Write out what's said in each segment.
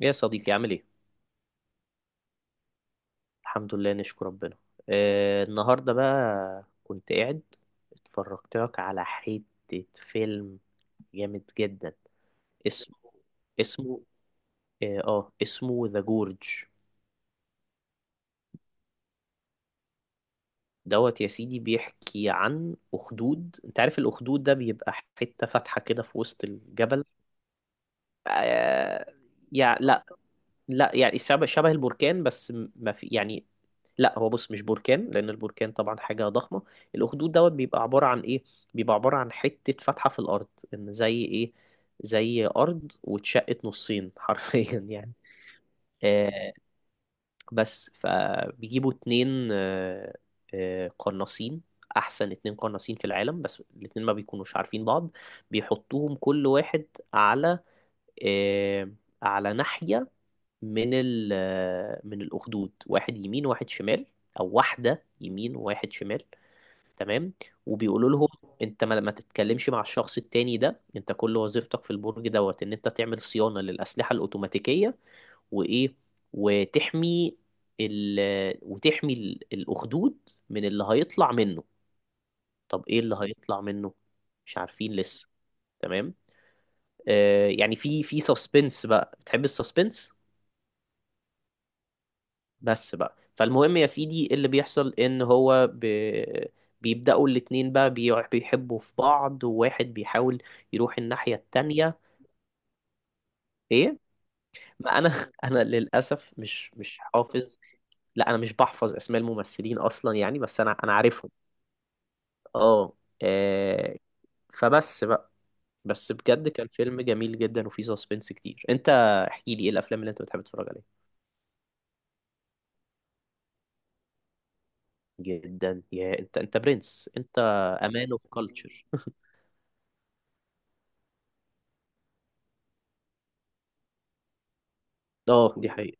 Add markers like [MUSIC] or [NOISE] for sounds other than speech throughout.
يا صديقي عامل ايه؟ الحمد لله، نشكر ربنا. آه، النهارده بقى كنت قاعد، اتفرجت لك على حتة فيلم جامد جدا. اسمه اسمه اه آه، اسمه ذا جورج دوت. يا سيدي بيحكي عن أخدود، انت عارف الأخدود ده بيبقى حتة فاتحة كده في وسط الجبل. آه يعني لا، لا يعني شبه البركان، بس ما في يعني. لا، هو بص مش بركان، لان البركان طبعا حاجه ضخمه. الاخدود دوت بيبقى عباره عن ايه؟ بيبقى عباره عن حته فتحه في الارض. ان زي ايه؟ زي ارض واتشقت نصين [LAUGHS] حرفيا يعني. آه، بس فبيجيبوا اتنين، آه، آه، قناصين. احسن اتنين قناصين في العالم، بس الاتنين ما بيكونوش عارفين بعض. بيحطوهم كل واحد على، آه، على ناحيه من من الأخدود، واحد يمين واحد شمال، أو واحدة يمين وواحد شمال، تمام. وبيقولوا لهم، أنت ما, ما تتكلمش مع الشخص التاني ده، أنت كل وظيفتك في البرج دوت إن أنت تعمل صيانة للأسلحة الأوتوماتيكية، وإيه، وتحمي ال، الأخدود من اللي هيطلع منه. طب إيه اللي هيطلع منه؟ مش عارفين لسه، تمام. آه يعني في، في سسبنس بقى، بتحب السسبنس؟ بس بقى، فالمهم يا سيدي إيه اللي بيحصل، ان هو بيبدأوا الاتنين بقى بيحبوا في بعض، وواحد بيحاول يروح الناحية التانية. ايه؟ ما انا [LAUGHS] انا للأسف مش حافظ. لا، انا مش بحفظ اسماء الممثلين اصلا يعني، بس انا عارفهم. اه، آه، فبس بقى، بس بجد كان فيلم جميل جدا وفيه سسبنس كتير. انت احكي لي ايه الافلام اللي انت بتحب تتفرج عليها؟ جدا يا انت، انت برنس انت، امان اوف كلتشر. [LAUGHS] اه دي حقيقة.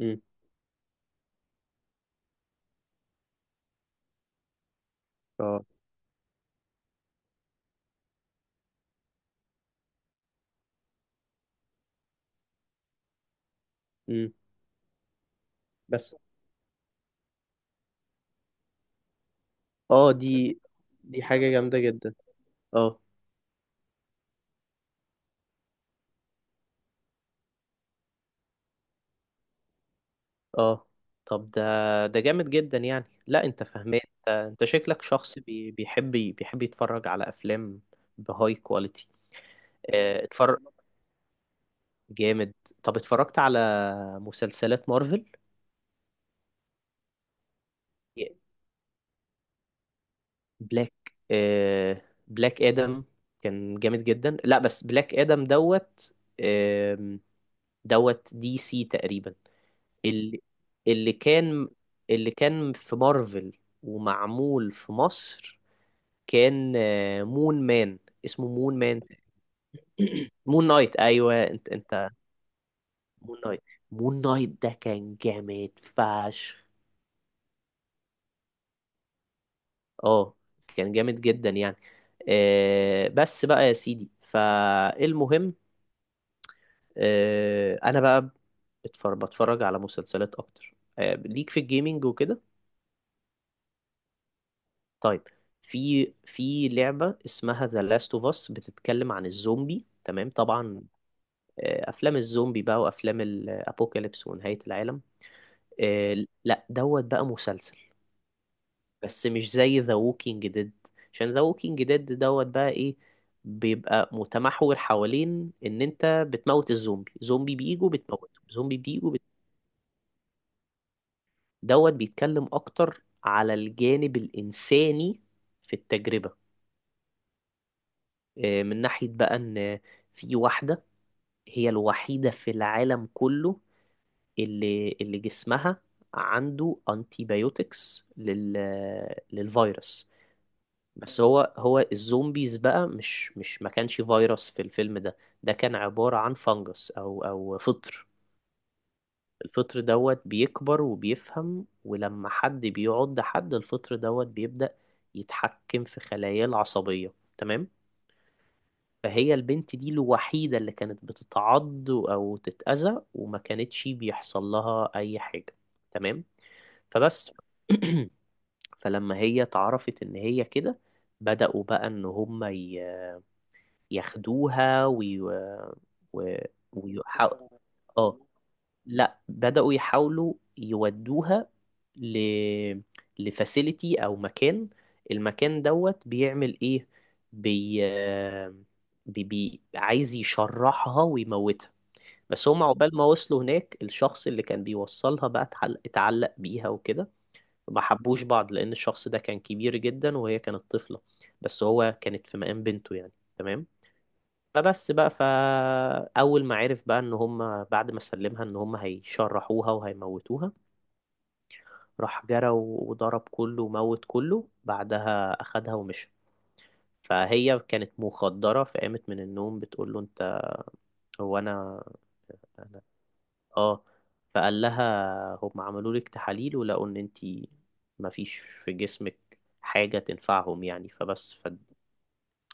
إمم. اه، امم، بس اه دي، دي حاجة جامدة جدا. اه، اه، طب ده، ده جامد جدا يعني، لا انت فاهمان. انت شكلك شخص بيحب يتفرج على افلام بهاي كواليتي. اه، اتفرج، جامد. طب اتفرجت على مسلسلات مارفل؟ بلاك، اه، بلاك ادم كان جامد جدا، لا بس بلاك ادم دوت، ام، دوت دي سي تقريبا. اللي، اللي كان، اللي كان في مارفل ومعمول في مصر كان، آه، مون مان، اسمه مون مان [COUGHS] [CLEARS THROAT] مون نايت، ايوه انت، انت مون نايت. مون نايت ده كان جامد فشخ. اه، كان جامد جدا يعني. آه، بس بقى يا سيدي فالمهم، آه انا بقى بتفرج على مسلسلات اكتر، آه ليك في الجيمينج وكده. طيب، في في لعبة اسمها ذا لاست اوف اس، بتتكلم عن الزومبي، تمام طبعا. آه، افلام الزومبي بقى، وافلام الابوكاليبس ونهاية العالم. آه، لا دوت بقى مسلسل، بس مش زي ذا ووكينج ديد، عشان ذا ووكينج ديد دوت بقى ايه، بيبقى متمحور حوالين ان انت بتموت الزومبي، زومبي بيجوا بتموته، زومبي بيجوا دوت بيتكلم اكتر على الجانب الانساني في التجربة. آه، من ناحية بقى ان في واحدة، هي الوحيدة في العالم كله، اللي جسمها عنده انتيبيوتكس للفيروس. بس هو، هو الزومبيز بقى مش ما كانش فيروس في الفيلم ده، ده كان عبارة عن فانجس او، او فطر. الفطر دوت بيكبر وبيفهم، ولما حد بيعض حد الفطر دوت بيبدأ يتحكم في خلاياه العصبية، تمام. فهي البنت دي الوحيدة اللي كانت بتتعض أو تتأذى وما كانتش بيحصل لها أي حاجة، تمام. فبس [CLEARS THROAT] فلما هي اتعرفت إن هي كده، بدأوا بقى إن هما ياخدوها وي... و... ويحاول... اه لا، بدأوا يحاولوا يودوها ل، لفاسيليتي او مكان. المكان دوت بيعمل ايه؟ بي... بي... بي عايز يشرحها ويموتها، بس هم عقبال ما وصلوا هناك الشخص اللي كان بيوصلها بقى اتعلق بيها وكده. ما حبوش بعض لان الشخص ده كان كبير جدا وهي كانت طفلة، بس هو كانت في مقام بنته يعني، تمام. فبس بقى، فأول ما عرف بقى إن هم بعد ما سلمها إن هم هيشرحوها وهيموتوها، راح جرى وضرب كله وموت كله، بعدها أخدها ومشى. فهي كانت مخدرة، فقامت من النوم بتقول له أنت، هو أنا، أنا، آه. فقال لها هم عملوا لك تحاليل ولقوا إن أنت مفيش في جسمك حاجة تنفعهم يعني، فبس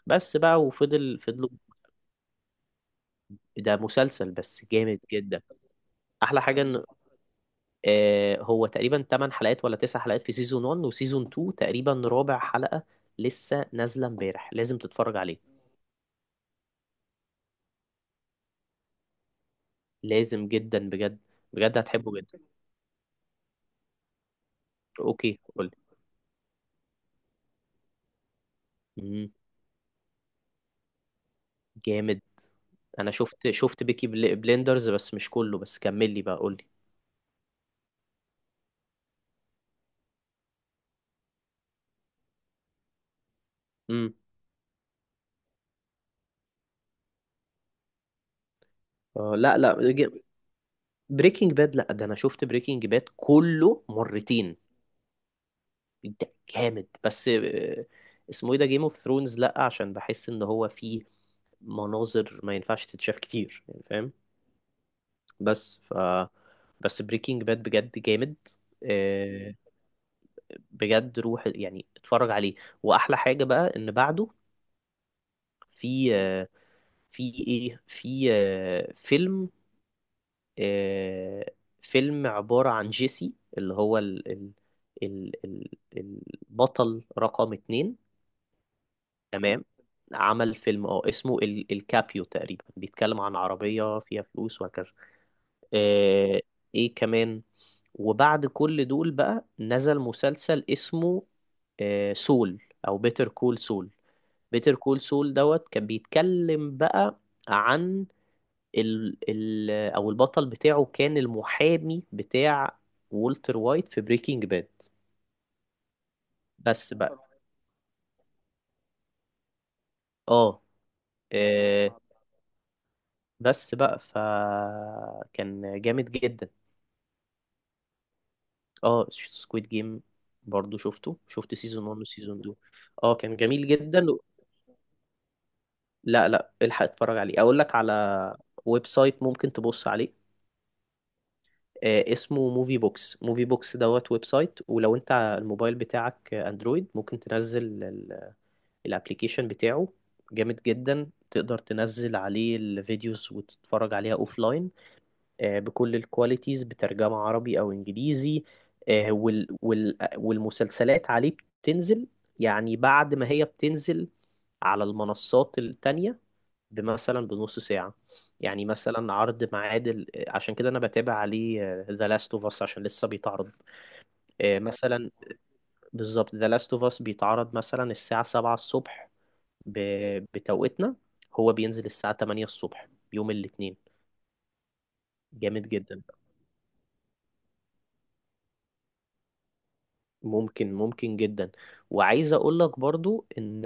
بس بقى، وفضل فضلوا. ده مسلسل بس جامد جدا. احلى حاجه ان، آه، هو تقريبا 8 حلقات ولا 9 حلقات في سيزون 1، وسيزون 2 تقريبا رابع حلقة لسه نازلة امبارح، لازم تتفرج عليه. لازم جدا بجد، بجد هتحبه جدا. اوكي قول. مم، جامد. انا شفت، بليندرز بس مش كله، بس كمل لي بقى قول لي. امم، آه، لا لا. بريكنج باد، لا ده انا شفت بريكنج باد كله مرتين. ده جامد، بس آه، اسمه ايه ده، جيم اوف ثرونز، لا عشان بحس ان هو فيه مناظر ما ينفعش تتشاف كتير يعني، فاهم؟ بس ف، بس بريكنج باد بجد جامد، آه، بجد روح يعني اتفرج عليه. واحلى حاجة بقى ان بعده في، آه، في ايه، في، آه، فيلم، آه، فيلم عبارة عن جيسي، اللي هو ال، ال، ال، ال البطل رقم اتنين، تمام. عمل فيلم، اه اسمه الكابيو تقريبا، بيتكلم عن عربية فيها فلوس وهكذا. آه، ايه كمان، وبعد كل دول بقى نزل مسلسل اسمه، آه، سول، او بيتر كول سول. بيتر كول سول دوت كان بيتكلم بقى عن ال، ال، او البطل بتاعه كان المحامي بتاع وولتر وايت في بريكنج باد. بس بقى اه، آه، بس بقى فكان جامد جدا. اه سكويد جيم، برضو شفته، شفت سيزون 1 وسيزون 2. اه كان جميل جدا. لا لا، الحق اتفرج عليه، اقول لك على ويب سايت ممكن تبص عليه. آه، اسمه موفي بوكس، موفي بوكس دوت ويب سايت، ولو انت الموبايل بتاعك اندرويد ممكن تنزل الابليكيشن بتاعه، جامد جدا. تقدر تنزل عليه الفيديوز وتتفرج عليها اوفلاين، بكل الكواليتيز، بترجمة عربي او انجليزي. آه، والمسلسلات عليه بتنزل، يعني بعد ما هي بتنزل على المنصات التانية مثلا بنص ساعة، يعني مثلا عرض معادل، عشان كده انا بتابع عليه ذا لاست اوف اس عشان لسه بيتعرض. آه، مثلا بالظبط ذا لاست اوف اس بيتعرض مثلا الساعة 7 الصبح، ب... بتوقيتنا. هو بينزل الساعة 8 الصبح يوم الاثنين، جامد جدا. ممكن، ممكن جدا. وعايز اقول لك برضو ان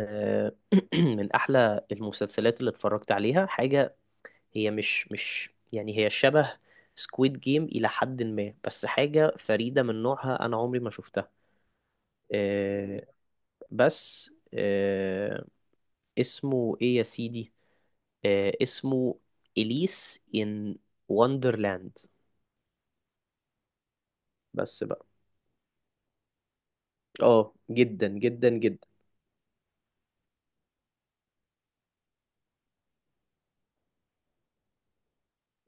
[CLEARS THROAT] من احلى المسلسلات اللي اتفرجت عليها حاجة، هي مش يعني هي شبه سكويد جيم إلى حد ما، بس حاجة فريدة من نوعها أنا عمري ما شفتها. آه، بس آه، اسمه إيه يا سيدي؟ آه، اسمه إليس إن وندرلاند. بس بقى اه، جدا جدا جدا.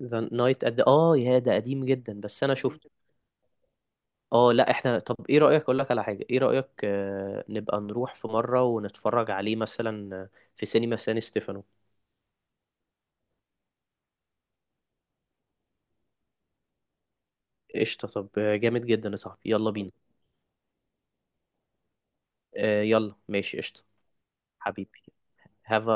ذا نايت، قد اه يا ده قديم جدا، بس انا شفته. اه لا، احنا طب ايه رأيك، اقول لك على حاجة، ايه رأيك آه، نبقى نروح في مرة ونتفرج عليه مثلا، آه، في سينما سان ستيفانو. قشطة، طب آه، جامد جدا يا صاحبي، يلا بينا. آه، يلا ماشي قشطة. حبيبي، have a